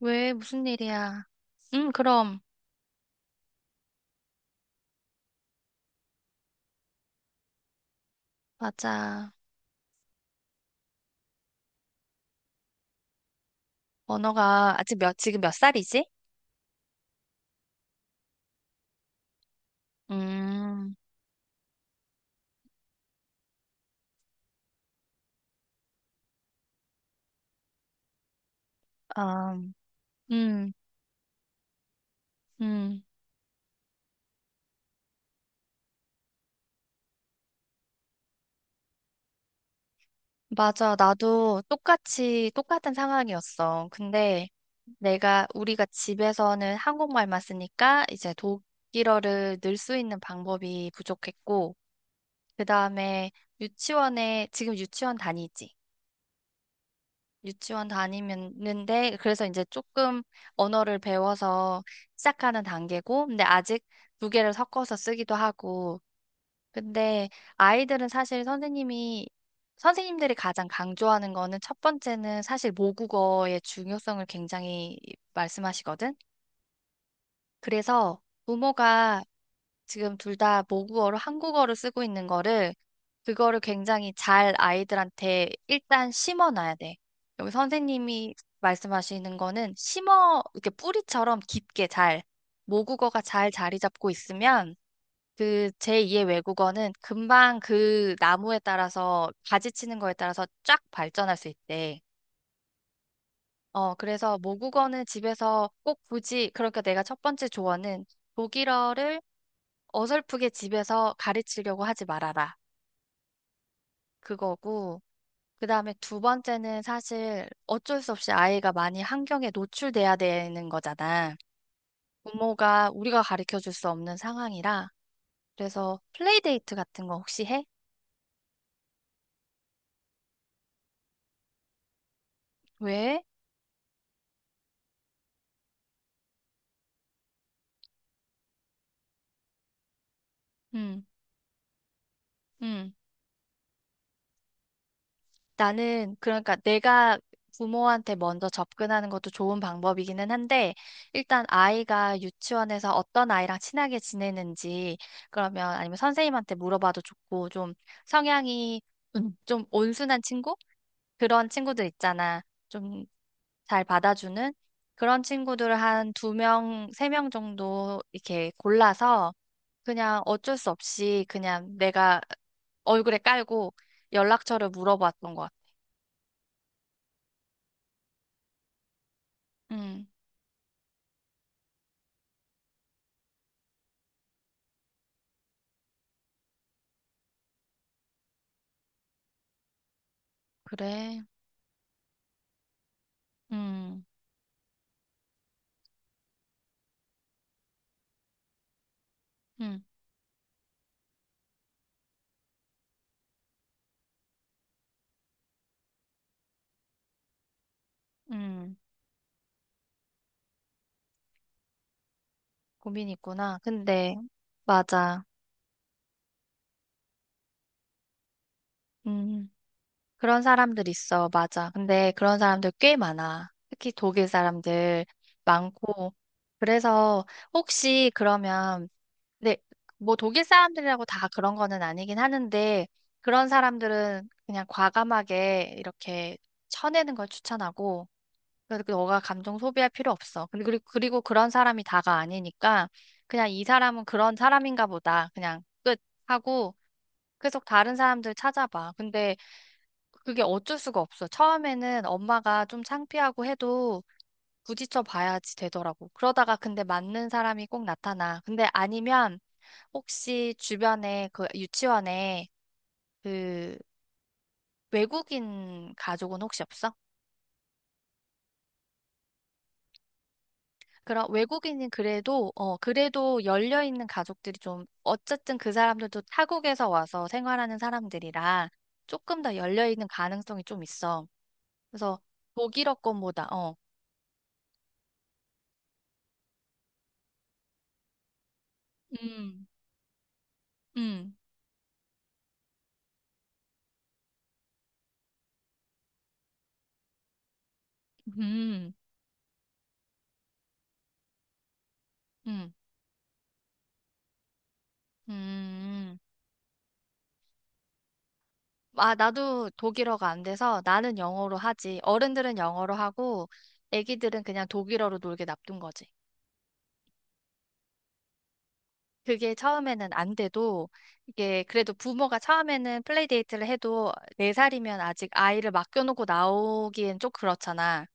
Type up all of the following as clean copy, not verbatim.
왜? 무슨 일이야? 그럼. 맞아. 언어가 아직 지금 몇 살이지? 음, 아, 음, 음. 맞아. 나도 똑같은 상황이었어. 근데 우리가 집에서는 한국말만 쓰니까 이제 독일어를 늘 수 있는 방법이 부족했고, 그 다음에 지금 유치원 다니지? 유치원 다니는데 그래서 이제 조금 언어를 배워서 시작하는 단계고 근데 아직 두 개를 섞어서 쓰기도 하고 근데 아이들은 사실 선생님이 선생님들이 가장 강조하는 거는 첫 번째는 사실 모국어의 중요성을 굉장히 말씀하시거든. 그래서 부모가 지금 둘 다 모국어로 한국어를 쓰고 있는 거를 그거를 굉장히 잘 아이들한테 일단 심어놔야 돼. 여기 선생님이 말씀하시는 거는 심어 이렇게 뿌리처럼 깊게 잘 모국어가 잘 자리 잡고 있으면 그 제2의 외국어는 금방 그 나무에 따라서 가지치는 거에 따라서 쫙 발전할 수 있대. 그래서 모국어는 집에서 꼭 굳이 그러니까 내가 첫 번째 조언은 독일어를 어설프게 집에서 가르치려고 하지 말아라. 그거고. 그 다음에 두 번째는 사실 어쩔 수 없이 아이가 많이 환경에 노출돼야 되는 거잖아. 부모가 우리가 가르쳐 줄 수 없는 상황이라. 그래서 플레이데이트 같은 거 혹시 해? 왜? 응, 응. 나는 그러니까 내가 부모한테 먼저 접근하는 것도 좋은 방법이기는 한데 일단 아이가 유치원에서 어떤 아이랑 친하게 지내는지 그러면 아니면 선생님한테 물어봐도 좋고 좀 성향이 좀 온순한 친구? 그런 친구들 있잖아. 좀 잘 받아주는 그런 친구들을 한 두 명, 세 명 정도 이렇게 골라서 그냥 어쩔 수 없이 그냥 내가 얼굴에 깔고 연락처를 물어봤던 것 같아. 음. 그래. 음, 음, 음. 고민 있구나. 근데, 맞아. 음, 그런 사람들 있어. 맞아. 근데 그런 사람들 꽤 많아. 특히 독일 사람들 많고. 그래서 혹시 그러면, 네, 뭐 독일 사람들이라고 다 그런 거는 아니긴 하는데, 그런 사람들은 그냥 과감하게 이렇게 쳐내는 걸 추천하고, 그래서 너가 감정 소비할 필요 없어. 근데 그리고 그런 사람이 다가 아니니까 그냥 이 사람은 그런 사람인가 보다. 그냥 끝 하고 계속 다른 사람들 찾아봐. 근데 그게 어쩔 수가 없어. 처음에는 엄마가 좀 창피하고 해도 부딪혀 봐야지 되더라고. 그러다가 근데 맞는 사람이 꼭 나타나. 근데 아니면 혹시 주변에 그 유치원에 그 외국인 가족은 혹시 없어? 그럼 외국인은 그래도 그래도 열려 있는 가족들이 좀 어쨌든 그 사람들도 타국에서 와서 생활하는 사람들이라 조금 더 열려 있는 가능성이 좀 있어. 그래서 독일어 권보다. 음. 음. 음. 음. 음. 아, 나도 독일어가 안 돼서 나는 영어로 하지. 어른들은 영어로 하고 애기들은 그냥 독일어로 놀게 놔둔 거지. 그게 처음에는 안 돼도 이게 그래도 부모가 처음에는 플레이데이트를 해도 네살이면 아직 아이를 맡겨놓고 나오기엔 좀 그렇잖아.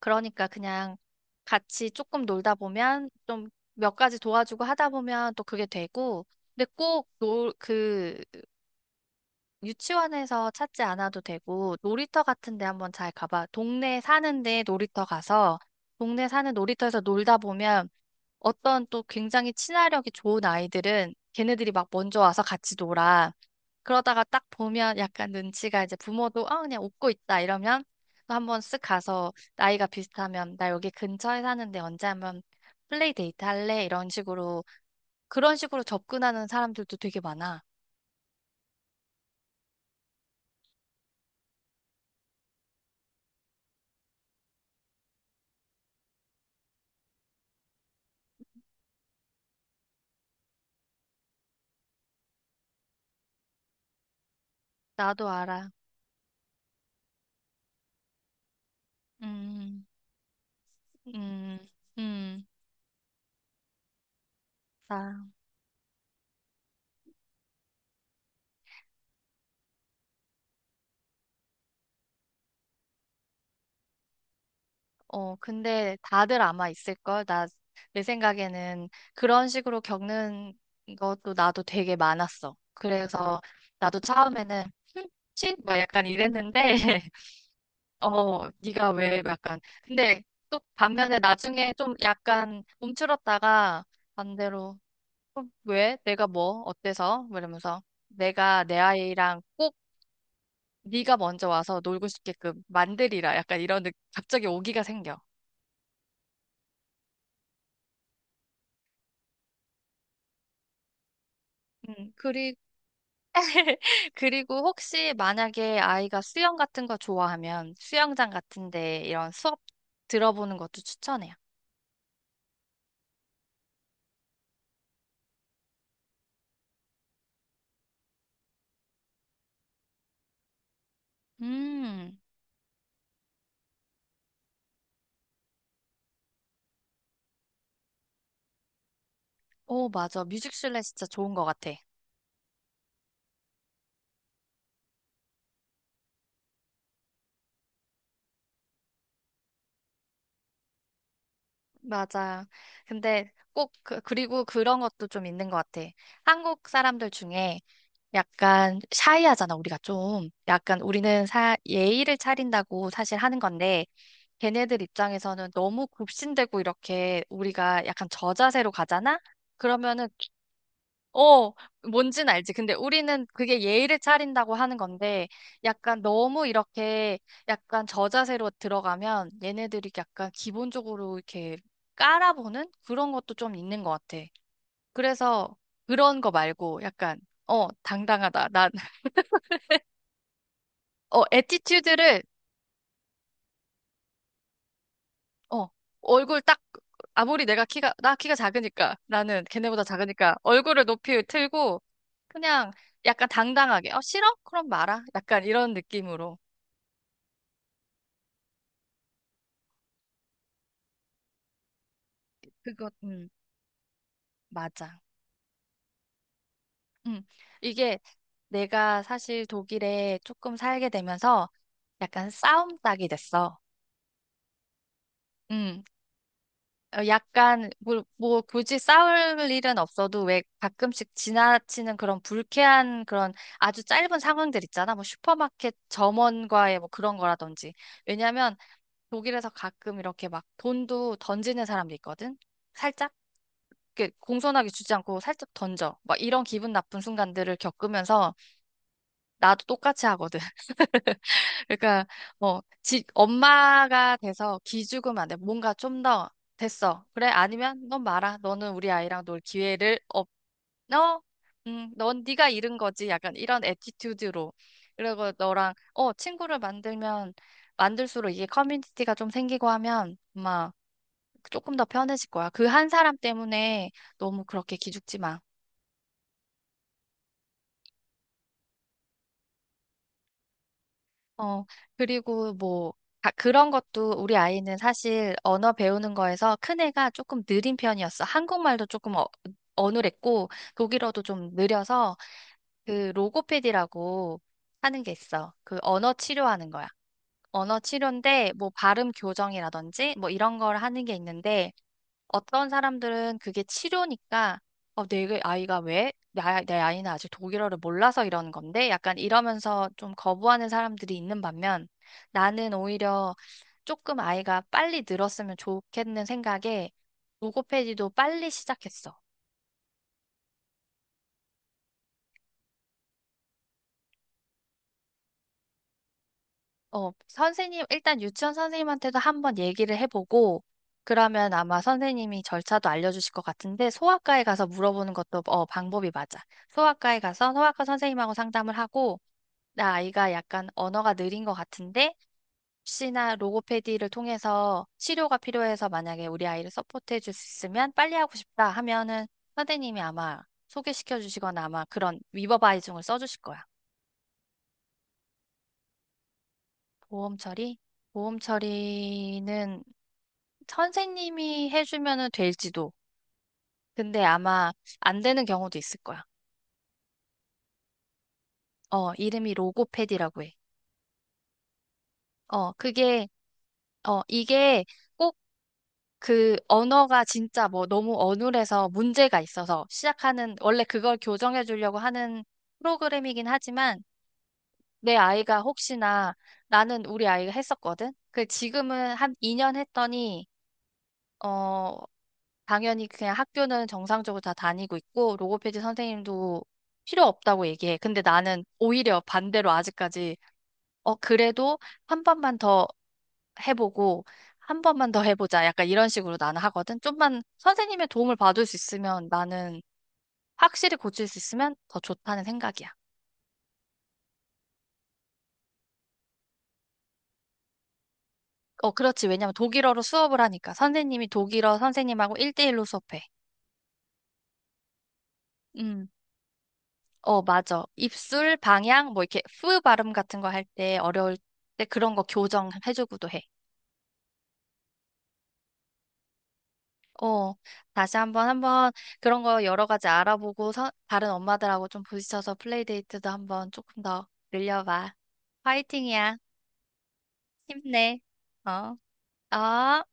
그러니까 그냥 같이 조금 놀다 보면 좀 몇 가지 도와주고 하다 보면 또 그게 되고 근데 꼭 놀, 그 유치원에서 찾지 않아도 되고 놀이터 같은 데 한번 잘 가봐. 동네에 사는데 놀이터 가서 동네 사는 놀이터에서 놀다 보면 어떤 또 굉장히 친화력이 좋은 아이들은 걔네들이 막 먼저 와서 같이 놀아. 그러다가 딱 보면 약간 눈치가 이제 부모도 아 그냥 웃고 있다 이러면 또 한번 쓱 가서 나이가 비슷하면 나 여기 근처에 사는데 언제 한번 플레이 데이트 할래? 이런 식으로 그런 식으로 접근하는 사람들도 되게 많아. 나도 알아. 음, 음, 음. 나 근데 다들 아마 있을걸? 내 생각에는 그런 식으로 겪는 것도 나도 되게 많았어. 그래서 나도 처음에는 신? 막 약간 이랬는데, 네가 왜 약간. 근데 또 반면에 나중에 좀 약간 움츠렀다가 반대로, 왜? 내가 뭐? 어때서? 뭐 이러면서 내가 내 아이랑 꼭 네가 먼저 와서 놀고 싶게끔 만들이라. 약간 이런 갑자기 오기가 생겨. 그리 그리고 혹시 만약에 아이가 수영 같은 거 좋아하면 수영장 같은데 이런 수업 들어보는 것도 추천해요. 음, 오, 맞아. 뮤직실내 진짜 좋은 것 같아. 맞아. 근데 꼭 그리고 그런 것도 좀 있는 것 같아. 한국 사람들 중에 약간 샤이하잖아, 우리가 좀. 약간 우리는 예의를 차린다고 사실 하는 건데, 걔네들 입장에서는 너무 굽신대고 이렇게 우리가 약간 저자세로 가잖아? 그러면은 어, 뭔진 알지. 근데 우리는 그게 예의를 차린다고 하는 건데, 약간 너무 이렇게 약간 저자세로 들어가면 얘네들이 약간 기본적으로 이렇게 깔아보는 그런 것도 좀 있는 것 같아. 그래서 그런 거 말고 약간, 당당하다. 난, 애티튜드를, 어, 얼굴 딱, 아무리 내가 키가, 나 키가 작으니까, 나는 걔네보다 작으니까 얼굴을 높이 틀고, 그냥 약간 당당하게, 싫어? 그럼 말아. 약간 이런 느낌으로. 그거, 맞아. 음, 이게 내가 사실 독일에 조금 살게 되면서 약간 싸움 닭이 됐어. 음, 약간, 뭐, 굳이 싸울 일은 없어도 왜 가끔씩 지나치는 그런 불쾌한 그런 아주 짧은 상황들 있잖아. 뭐 슈퍼마켓 점원과의 뭐 그런 거라든지. 왜냐면 독일에서 가끔 이렇게 막 돈도 던지는 사람도 있거든. 살짝. 이렇게 공손하게 주지 않고 살짝 던져. 막 이런 기분 나쁜 순간들을 겪으면서 나도 똑같이 하거든. 그러니까 뭐 엄마가 돼서 기죽으면 안 돼. 뭔가 좀 더 됐어. 그래? 아니면 넌 말아. 너는 우리 아이랑 놀 기회를 없. 어 넌 네가 잃은 거지. 약간 이런 애티튜드로. 그리고 너랑 친구를 만들면 만들수록 이게 커뮤니티가 좀 생기고 하면 아마 조금 더 편해질 거야. 그 한 사람 때문에 너무 그렇게 기죽지 마. 어, 그리고 뭐, 아, 그런 것도 우리 아이는 사실 언어 배우는 거에서 큰애가 조금 느린 편이었어. 한국말도 조금 어눌했고, 독일어도 좀 느려서 그 로고패디라고 하는 게 있어. 그 언어 치료하는 거야. 언어 치료인데, 뭐 발음 교정이라든지 뭐 이런 걸 하는 게 있는데, 어떤 사람들은 그게 치료니까 내 아이가 왜? 내 아이는 아직 독일어를 몰라서 이러는 건데 약간 이러면서 좀 거부하는 사람들이 있는 반면 나는 오히려 조금 아이가 빨리 늘었으면 좋겠는 생각에 로고페디도 빨리 시작했어. 일단 유치원 선생님한테도 한번 얘기를 해보고 그러면 아마 선생님이 절차도 알려주실 것 같은데 소아과에 가서 물어보는 것도 방법이 맞아. 소아과에 가서 소아과 선생님하고 상담을 하고 나 아이가 약간 언어가 느린 것 같은데 혹시나 로고페디를 통해서 치료가 필요해서 만약에 우리 아이를 서포트해 줄 수 있으면 빨리 하고 싶다 하면은 선생님이 아마 소개시켜 주시거나 아마 그런 위버바이징을 써 주실 거야. 보험 처리? 보험 처리는 선생님이 해주면은 될지도. 근데 아마 안 되는 경우도 있을 거야. 이름이 로고페디라고 해. 어, 그게, 이게 그 언어가 진짜 뭐 너무 어눌해서 문제가 있어서 시작하는, 원래 그걸 교정해 주려고 하는 프로그램이긴 하지만 내 아이가 혹시나 나는 우리 아이가 했었거든? 그 지금은 한 2년 했더니, 어, 당연히 그냥 학교는 정상적으로 다 다니고 있고 로고페디 선생님도 필요 없다고 얘기해. 근데 나는 오히려 반대로 아직까지 그래도 한 번만 더 해보고 한 번만 더 해보자. 약간 이런 식으로 나는 하거든. 좀만 선생님의 도움을 받을 수 있으면 나는 확실히 고칠 수 있으면 더 좋다는 생각이야. 그렇지. 왜냐면 독일어로 수업을 하니까 선생님이 독일어 선생님하고 1대1로 수업해. 음. 맞아. 입술, 방향, 뭐 이렇게 푸 발음 같은 거 할 때 어려울 때 그런 거 교정해주고도 해. 어, 다시 한번 한번 그런 거 여러 가지 알아보고 다른 엄마들하고 좀 부딪혀서 플레이데이트도 한번 조금 더 늘려봐. 화이팅이야. 힘내. 어, 어.